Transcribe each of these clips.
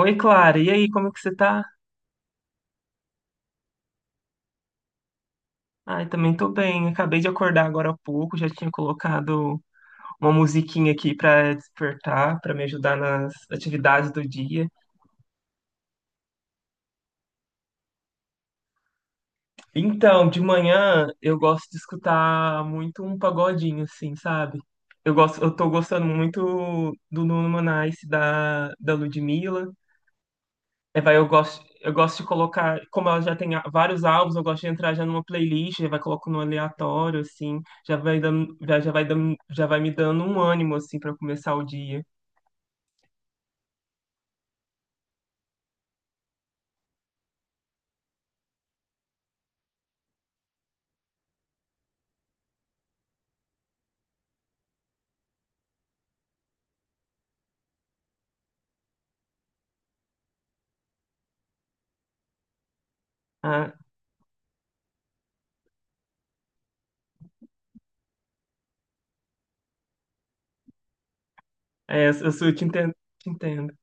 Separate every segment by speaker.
Speaker 1: Oi, Clara. E aí, como é que você tá? Ai, também tô bem. Acabei de acordar agora há pouco, já tinha colocado uma musiquinha aqui pra despertar, pra me ajudar nas atividades do dia. Então, de manhã eu gosto de escutar muito um pagodinho assim, sabe? Eu tô gostando muito do Nuno Manais, da Ludmilla. É, vai, eu gosto de colocar, como ela já tem vários álbuns, eu gosto de entrar já numa playlist, já vai colocando no aleatório, assim, já vai dando, já vai me dando um ânimo, assim, para começar o dia. Ah, é, eu te entendo, te entendo.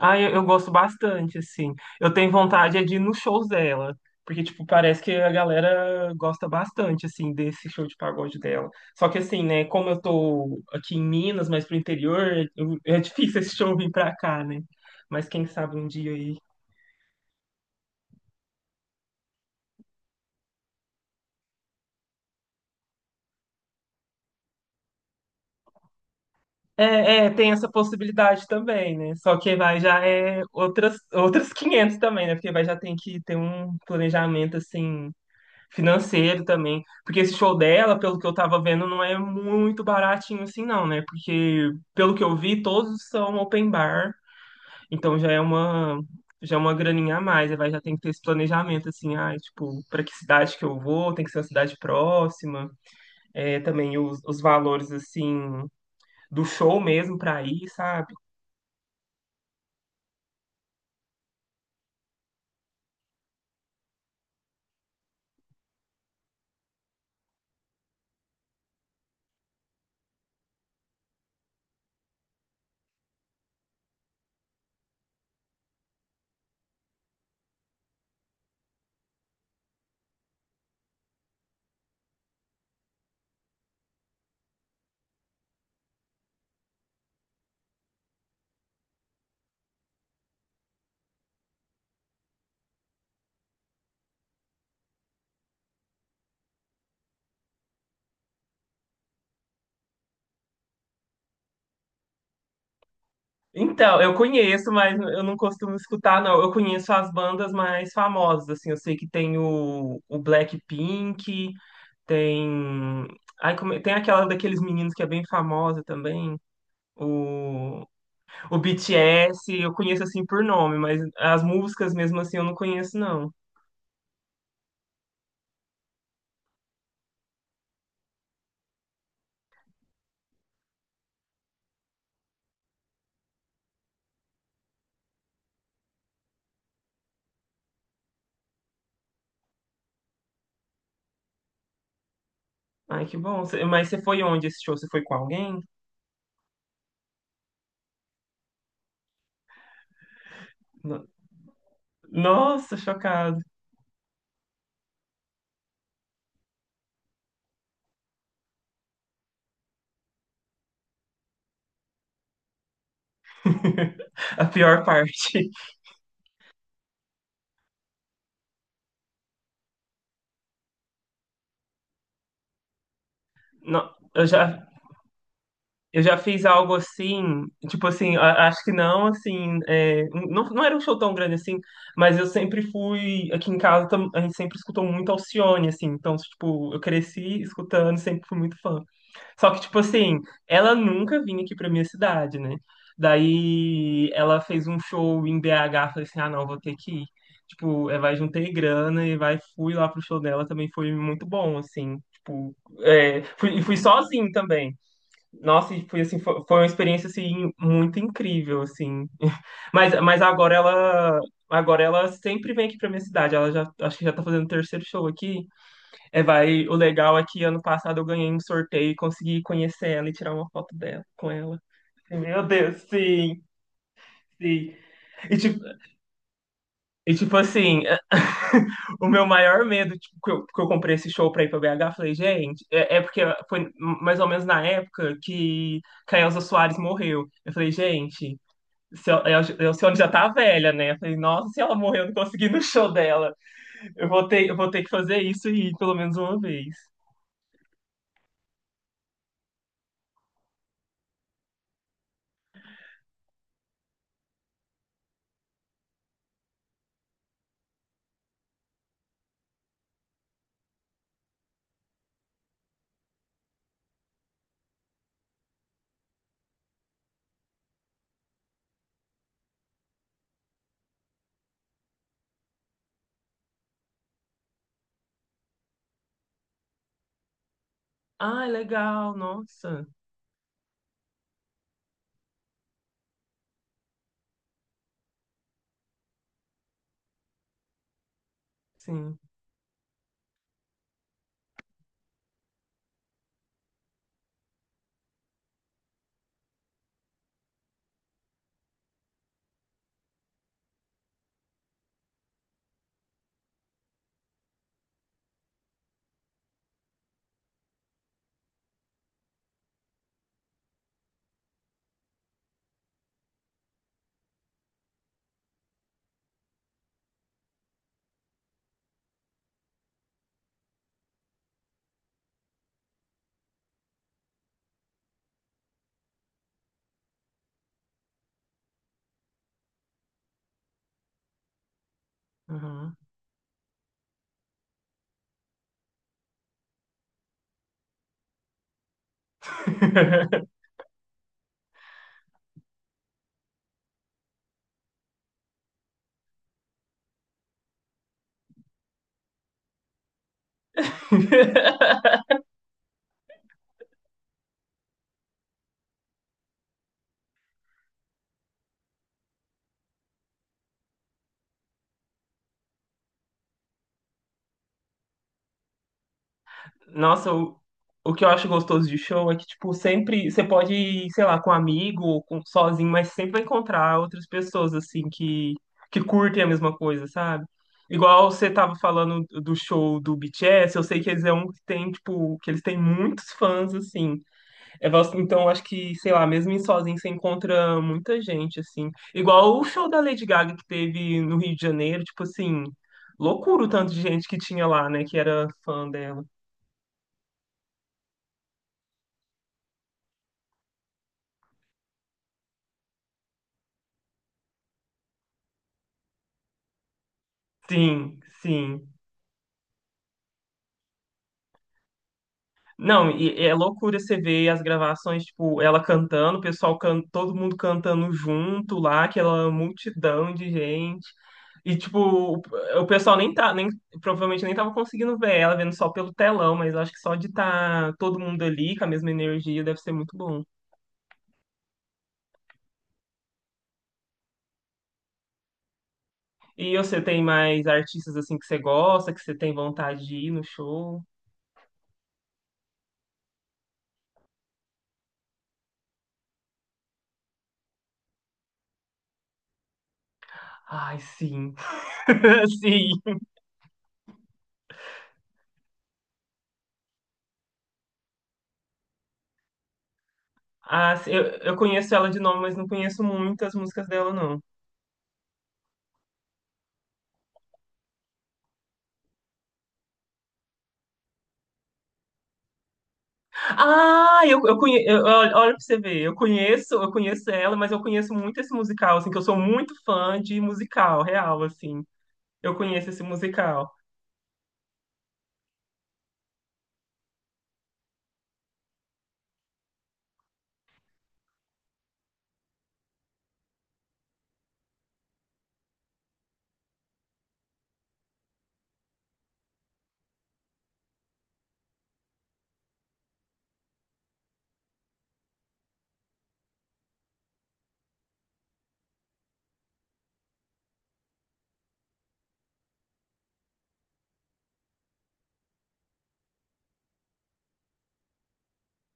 Speaker 1: Ah, eu gosto bastante, assim. Eu tenho vontade é de ir nos shows dela. Porque, tipo, parece que a galera gosta bastante, assim, desse show de pagode dela. Só que, assim, né, como eu tô aqui em Minas, mas pro interior, é difícil esse show vir pra cá, né? Mas quem sabe um dia aí. Tem essa possibilidade também, né? Só que vai já é outras 500 também, né? Porque vai já tem que ter um planejamento, assim, financeiro também. Porque esse show dela, pelo que eu tava vendo, não é muito baratinho assim, não, né? Porque, pelo que eu vi, todos são open bar. Então já é uma, já é uma graninha a mais. Aí vai, já tem que ter esse planejamento, assim, ah tipo, para que cidade que eu vou, tem que ser uma cidade próxima. É, também os valores, assim, do show mesmo pra ir, sabe? Então, eu conheço, mas eu não costumo escutar, não. Eu conheço as bandas mais famosas, assim. Eu sei que tem o Blackpink, tem. Ai, como... é, tem aquela daqueles meninos que é bem famosa também. O... o BTS, eu conheço assim por nome, mas as músicas mesmo assim eu não conheço, não. Ai, que bom. Mas você foi onde esse show? Você foi com alguém? No- Nossa, chocado. A pior parte. Não, eu já. Eu já fiz algo assim, tipo assim, acho que não, assim, é, não, não era um show tão grande assim, mas eu sempre fui, aqui em casa a gente sempre escutou muito Alcione, assim, então, tipo, eu cresci escutando, sempre fui muito fã. Só que, tipo assim, ela nunca vinha aqui pra minha cidade, né? Daí ela fez um show em BH, falei assim, ah, não, vou ter que ir. Tipo, é, vai, juntei grana e vai, fui lá pro show dela, também foi muito bom, assim, tipo, é, fui, e fui sozinho também. Nossa, e foi assim, foi uma experiência assim muito incrível, assim. Mas agora ela sempre vem aqui pra minha cidade. Ela já, acho que já tá fazendo o terceiro show aqui. É, vai, o legal é que ano passado eu ganhei um sorteio e consegui conhecer ela e tirar uma foto dela com ela. Meu Deus, sim, sim. E tipo, e tipo assim, o meu maior medo, tipo, que eu comprei esse show pra ir pra BH, eu falei, gente, é porque foi mais ou menos na época que a Elza Soares morreu. Eu falei, gente, se a Alcione já tá velha, né? Eu falei, nossa, se ela morreu, eu não consegui ir no show dela. Eu vou ter que fazer isso e ir pelo menos uma vez. Ah, legal, nossa. Sim. Uhum. Nossa, o que eu acho gostoso de show é que, tipo, sempre você pode ir, sei lá, com um amigo ou com, sozinho, mas sempre vai encontrar outras pessoas, assim, que curtem a mesma coisa, sabe? Igual você tava falando do show do BTS, eu sei que eles é um que tem, tipo, que eles têm muitos fãs, assim. É, então, eu acho que, sei lá, mesmo em sozinho você encontra muita gente, assim. Igual o show da Lady Gaga que teve no Rio de Janeiro, tipo assim, loucura o tanto de gente que tinha lá, né, que era fã dela. Sim, sim. Não, e é loucura você ver as gravações, tipo, ela cantando, o pessoal can... todo mundo cantando junto lá, aquela multidão de gente. E tipo, o o pessoal nem tá, nem provavelmente nem tava conseguindo ver ela, vendo só pelo telão, mas eu acho que só de estar todo mundo ali com a mesma energia deve ser muito bom. E você tem mais artistas assim que você gosta, que você tem vontade de ir no show? Ai, sim. Sim. Ah, sim, eu conheço ela de nome, mas não conheço muitas músicas dela, não. Ah, eu conheço. Olha, olha pra você ver. Eu conheço ela, mas eu conheço muito esse musical, assim, que eu sou muito fã de musical, real, assim. Eu conheço esse musical.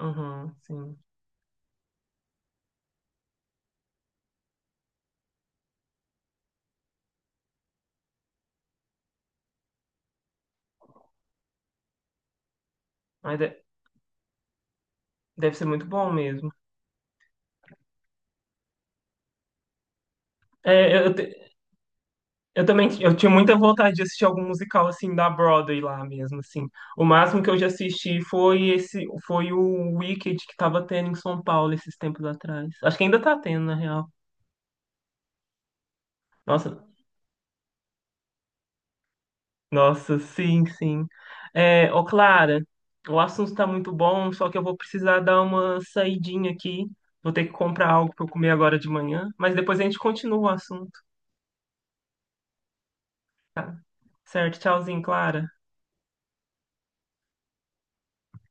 Speaker 1: Uhum, sim. Mas de- deve ser muito bom mesmo. É, eu também eu tinha muita vontade de assistir algum musical, assim, da Broadway lá mesmo, assim. O máximo que eu já assisti foi esse, foi o Wicked que tava tendo em São Paulo esses tempos atrás. Acho que ainda tá tendo, na real. Nossa, nossa, sim, sim. É, ô Clara, o assunto tá muito bom, só que eu vou precisar dar uma saidinha aqui. Vou ter que comprar algo para eu comer agora de manhã, mas depois a gente continua o assunto. Certo? Tchauzinho, Clara.